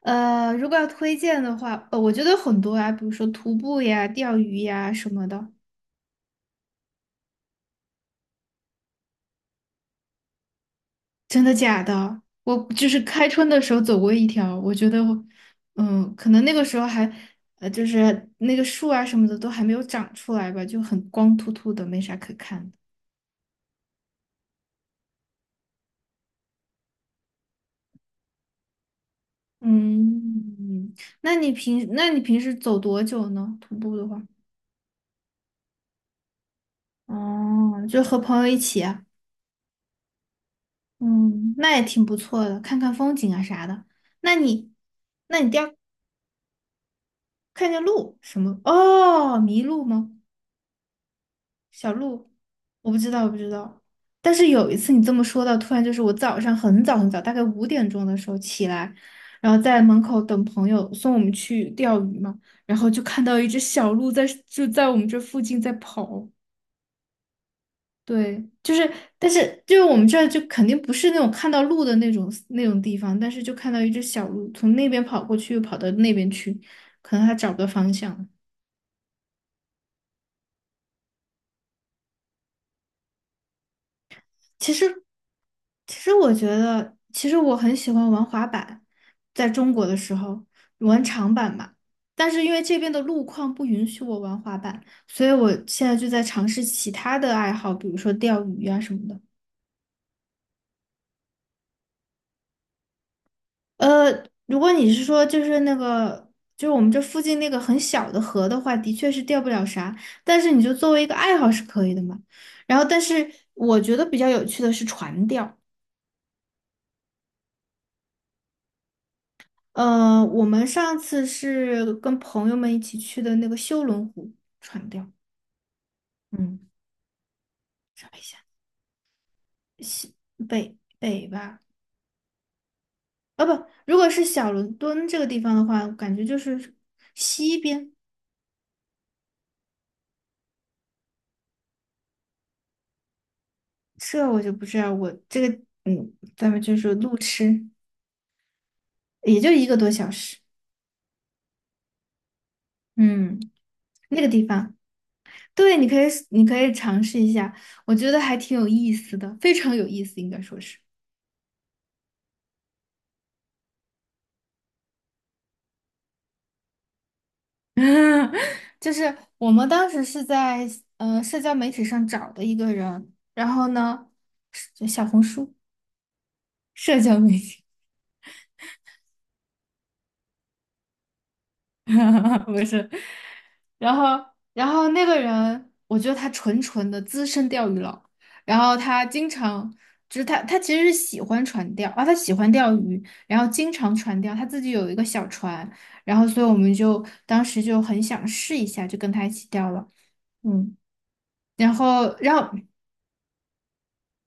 如果要推荐的话，我觉得很多啊，比如说徒步呀、钓鱼呀什么的。真的假的？我就是开春的时候走过一条，我觉得我，可能那个时候还，就是那个树啊什么的都还没有长出来吧，就很光秃秃的，没啥可看的。嗯，那你平时走多久呢？徒步的话，哦，就和朋友一起啊。嗯，那也挺不错的，看看风景啊啥的。那你，那你钓看见鹿什么？哦，麋鹿吗？小鹿？我不知道，我不知道。但是有一次你这么说到，突然就是我早上很早很早，大概5点钟的时候起来，然后在门口等朋友送我们去钓鱼嘛，然后就看到一只小鹿就在我们这附近在跑。对，就是，但是就是我们这儿就肯定不是那种看到鹿的那种地方，但是就看到一只小鹿从那边跑过去，又跑到那边去，可能它找不到方向。其实，其实我很喜欢玩滑板，在中国的时候玩长板嘛。但是因为这边的路况不允许我玩滑板，所以我现在就在尝试其他的爱好，比如说钓鱼啊什么的。呃，如果你是说就是那个，就是我们这附近那个很小的河的话，的确是钓不了啥，但是你就作为一个爱好是可以的嘛。然后，但是我觉得比较有趣的是船钓。我们上次是跟朋友们一起去的那个修伦湖船钓，嗯，找一下西北吧，啊不，如果是小伦敦这个地方的话，我感觉就是西边，这我就不知道，我这个咱们就是路痴，也就一个多小时，嗯，那个地方，对，你可以尝试一下，我觉得还挺有意思的，非常有意思，应该说是。就是我们当时是在社交媒体上找的一个人，然后呢，是就小红书社交媒体，不是，然后然后那个人，我觉得他纯纯的资深钓鱼佬，然后他经常就是他其实是喜欢船钓啊，他喜欢钓鱼，然后经常船钓，他自己有一个小船，然后所以我们就当时就很想试一下，就跟他一起钓了。嗯，然后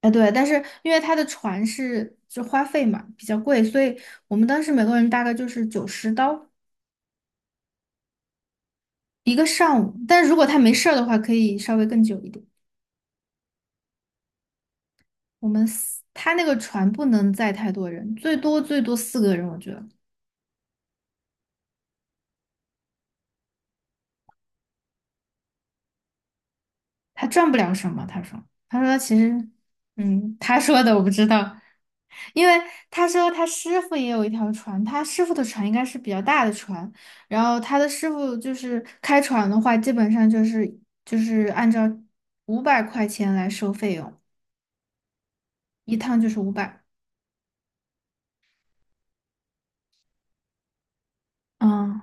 哎，对，但是因为他的船是就花费嘛比较贵，所以我们当时每个人大概就是90刀一个上午。但如果他没事儿的话，可以稍微更久一点。我们四他那个船不能载太多人，最多最多四个人，我觉得他赚不了什么。他说，他说其实，嗯，他说的我不知道。因为他说他师傅也有一条船，他师傅的船应该是比较大的船，然后他的师傅就是开船的话，基本上就是按照500块钱来收费用，一趟就是五百。嗯，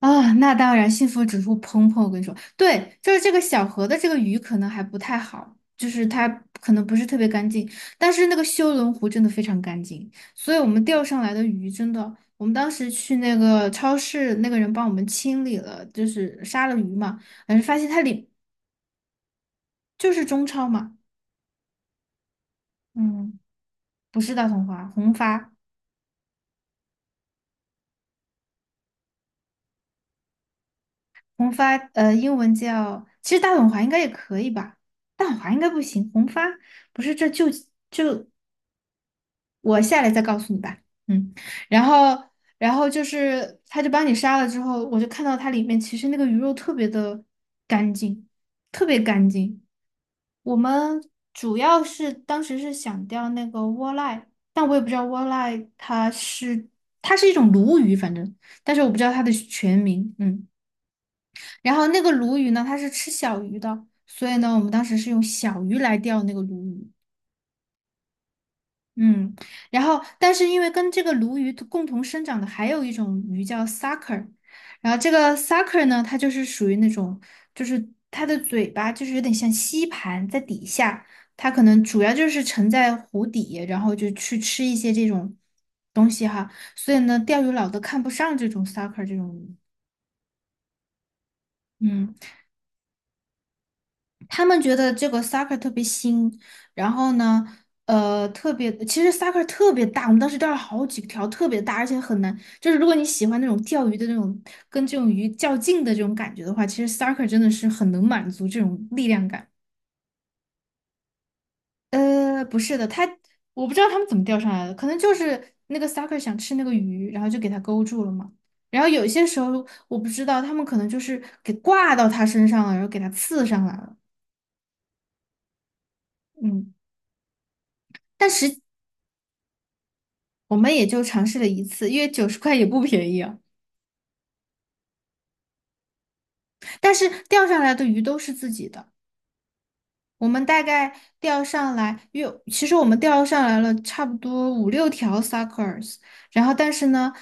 啊，那当然，幸福指数砰砰！我跟你说，对，就是这个小河的这个鱼可能还不太好，就是它可能不是特别干净，但是那个修伦湖真的非常干净，所以我们钓上来的鱼真的，我们当时去那个超市，那个人帮我们清理了，就是杀了鱼嘛，反正发现它里就是中超嘛，嗯，不是大统华，红发，红发，英文叫，其实大统华应该也可以吧，大统华应该不行，红发。不是这就我下来再告诉你吧。嗯，然后，然后就是，他就帮你杀了之后，我就看到它里面其实那个鱼肉特别的干净，特别干净。我们主要是当时是想钓那个窝赖，但我也不知道窝赖它是它是一种鲈鱼，反正，但是我不知道它的全名。嗯，然后那个鲈鱼呢，它是吃小鱼的，所以呢，我们当时是用小鱼来钓那个鲈鱼。嗯，然后但是因为跟这个鲈鱼共同生长的还有一种鱼叫 sucker，然后这个 sucker 呢，它就是属于那种，就是它的嘴巴就是有点像吸盘在底下，它可能主要就是沉在湖底，然后就去吃一些这种东西哈，所以呢，钓鱼佬都看不上这种 sucker 这种鱼。嗯，他们觉得这个 soccer 特别新，然后呢，特别，其实 soccer 特别大，我们当时钓了好几条，特别大，而且很难。就是如果你喜欢那种钓鱼的那种，跟这种鱼较劲的这种感觉的话，其实 soccer 真的是很能满足这种力量感。不是的，他我不知道他们怎么钓上来的，可能就是那个 sucker 想吃那个鱼，然后就给它勾住了嘛。然后有些时候我不知道，他们可能就是给挂到它身上了，然后给它刺上来了。嗯。但实。我们也就尝试了一次，因为90块也不便宜啊。但是钓上来的鱼都是自己的，我们大概钓上来，因为其实我们钓上来了差不多五六条 suckers，然后但是呢，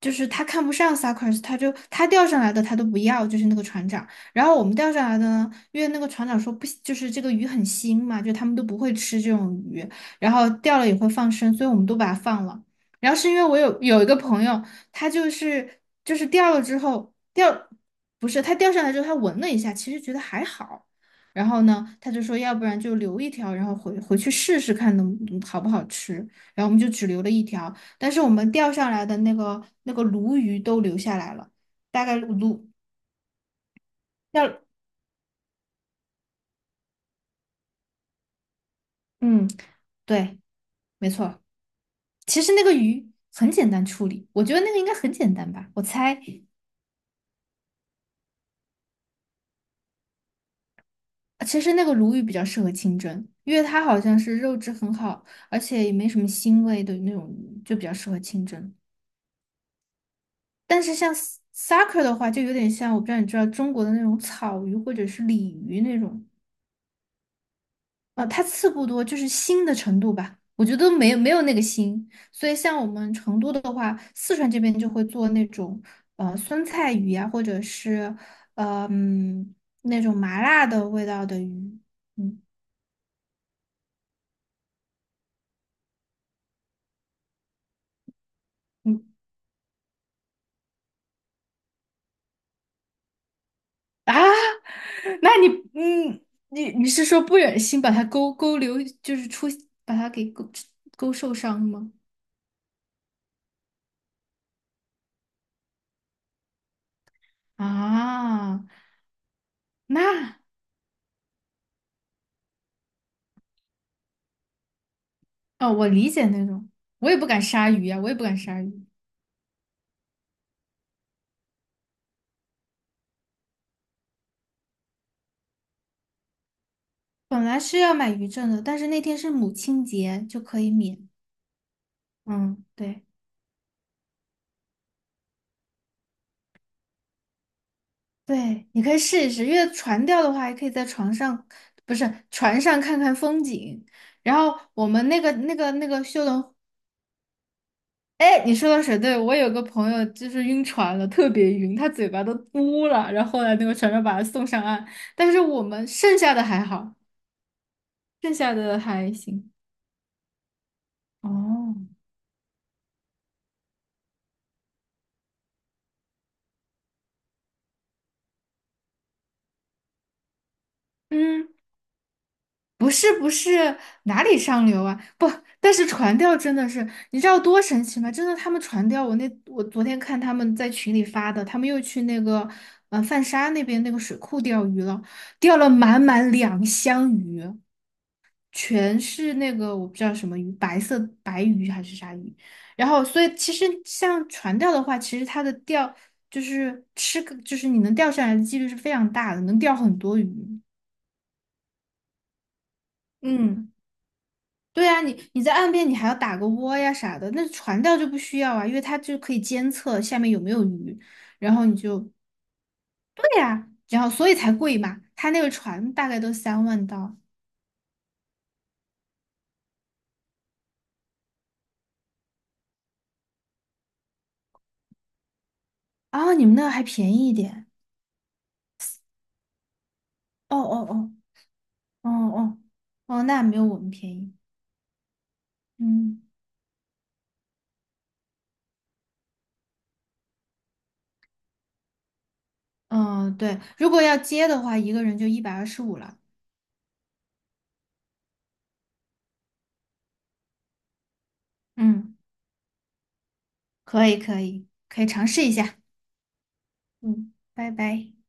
就是他看不上 suckers，他钓上来的他都不要，就是那个船长。然后我们钓上来的呢，因为那个船长说不，就是这个鱼很腥嘛，就他们都不会吃这种鱼，然后钓了也会放生，所以我们都把它放了。然后是因为我有一个朋友，他就是就是钓了之后钓，不是他钓上来之后他闻了一下，其实觉得还好。然后呢，他就说，要不然就留一条，然后回去试试看能好不好吃。然后我们就只留了一条，但是我们钓上来的那个那个鲈鱼都留下来了，大概鲈要嗯，对，没错。其实那个鱼很简单处理，我觉得那个应该很简单吧。我猜，其实那个鲈鱼比较适合清蒸，因为它好像是肉质很好，而且也没什么腥味的那种，就比较适合清蒸。但是像 sake 的话，就有点像我不知道你知道中国的那种草鱼或者是鲤鱼那种，它刺不多，就是腥的程度吧，我觉得没有那个腥。所以像我们成都的话，四川这边就会做那种酸菜鱼啊，或者是呃嗯那种麻辣的味道的鱼，嗯，嗯，啊，那你嗯你是说不忍心把它勾留，就是出把它给勾受伤吗？啊，那哦，我理解那种，我也不敢杀鱼呀、我也不敢杀鱼。本来是要买鱼证的，但是那天是母亲节，就可以免。嗯，对对，你可以试一试，因为船钓的话，还可以在床上，不是船上看看风景。然后我们那个修龙，哎，你说的水，对，我有个朋友就是晕船了，特别晕，他嘴巴都嘟了，然后后来那个船长把他送上岸，但是我们剩下的还好，剩下的还行。哦，嗯。不是不是哪里上流啊？不，但是船钓真的是，你知道多神奇吗？真的，他们船钓我昨天看他们在群里发的，他们又去那个泛沙那边那个水库钓鱼了，钓了满满两箱鱼，全是那个我不知道什么鱼，白色白鱼还是啥鱼。然后，所以其实像船钓的话，其实它的钓就是吃个，就是你能钓上来的几率是非常大的，能钓很多鱼。嗯。对啊，你在岸边你还要打个窝呀啥的，那船钓就不需要啊，因为它就可以监测下面有没有鱼，然后你就对呀、然后所以才贵嘛。它那个船大概都3万刀啊，你们那还便宜一点。哦哦哦哦哦哦，那没有我们便宜。嗯嗯，对，如果要接的话，一个人就125了。嗯，可以可以可以尝试一下。嗯，拜拜。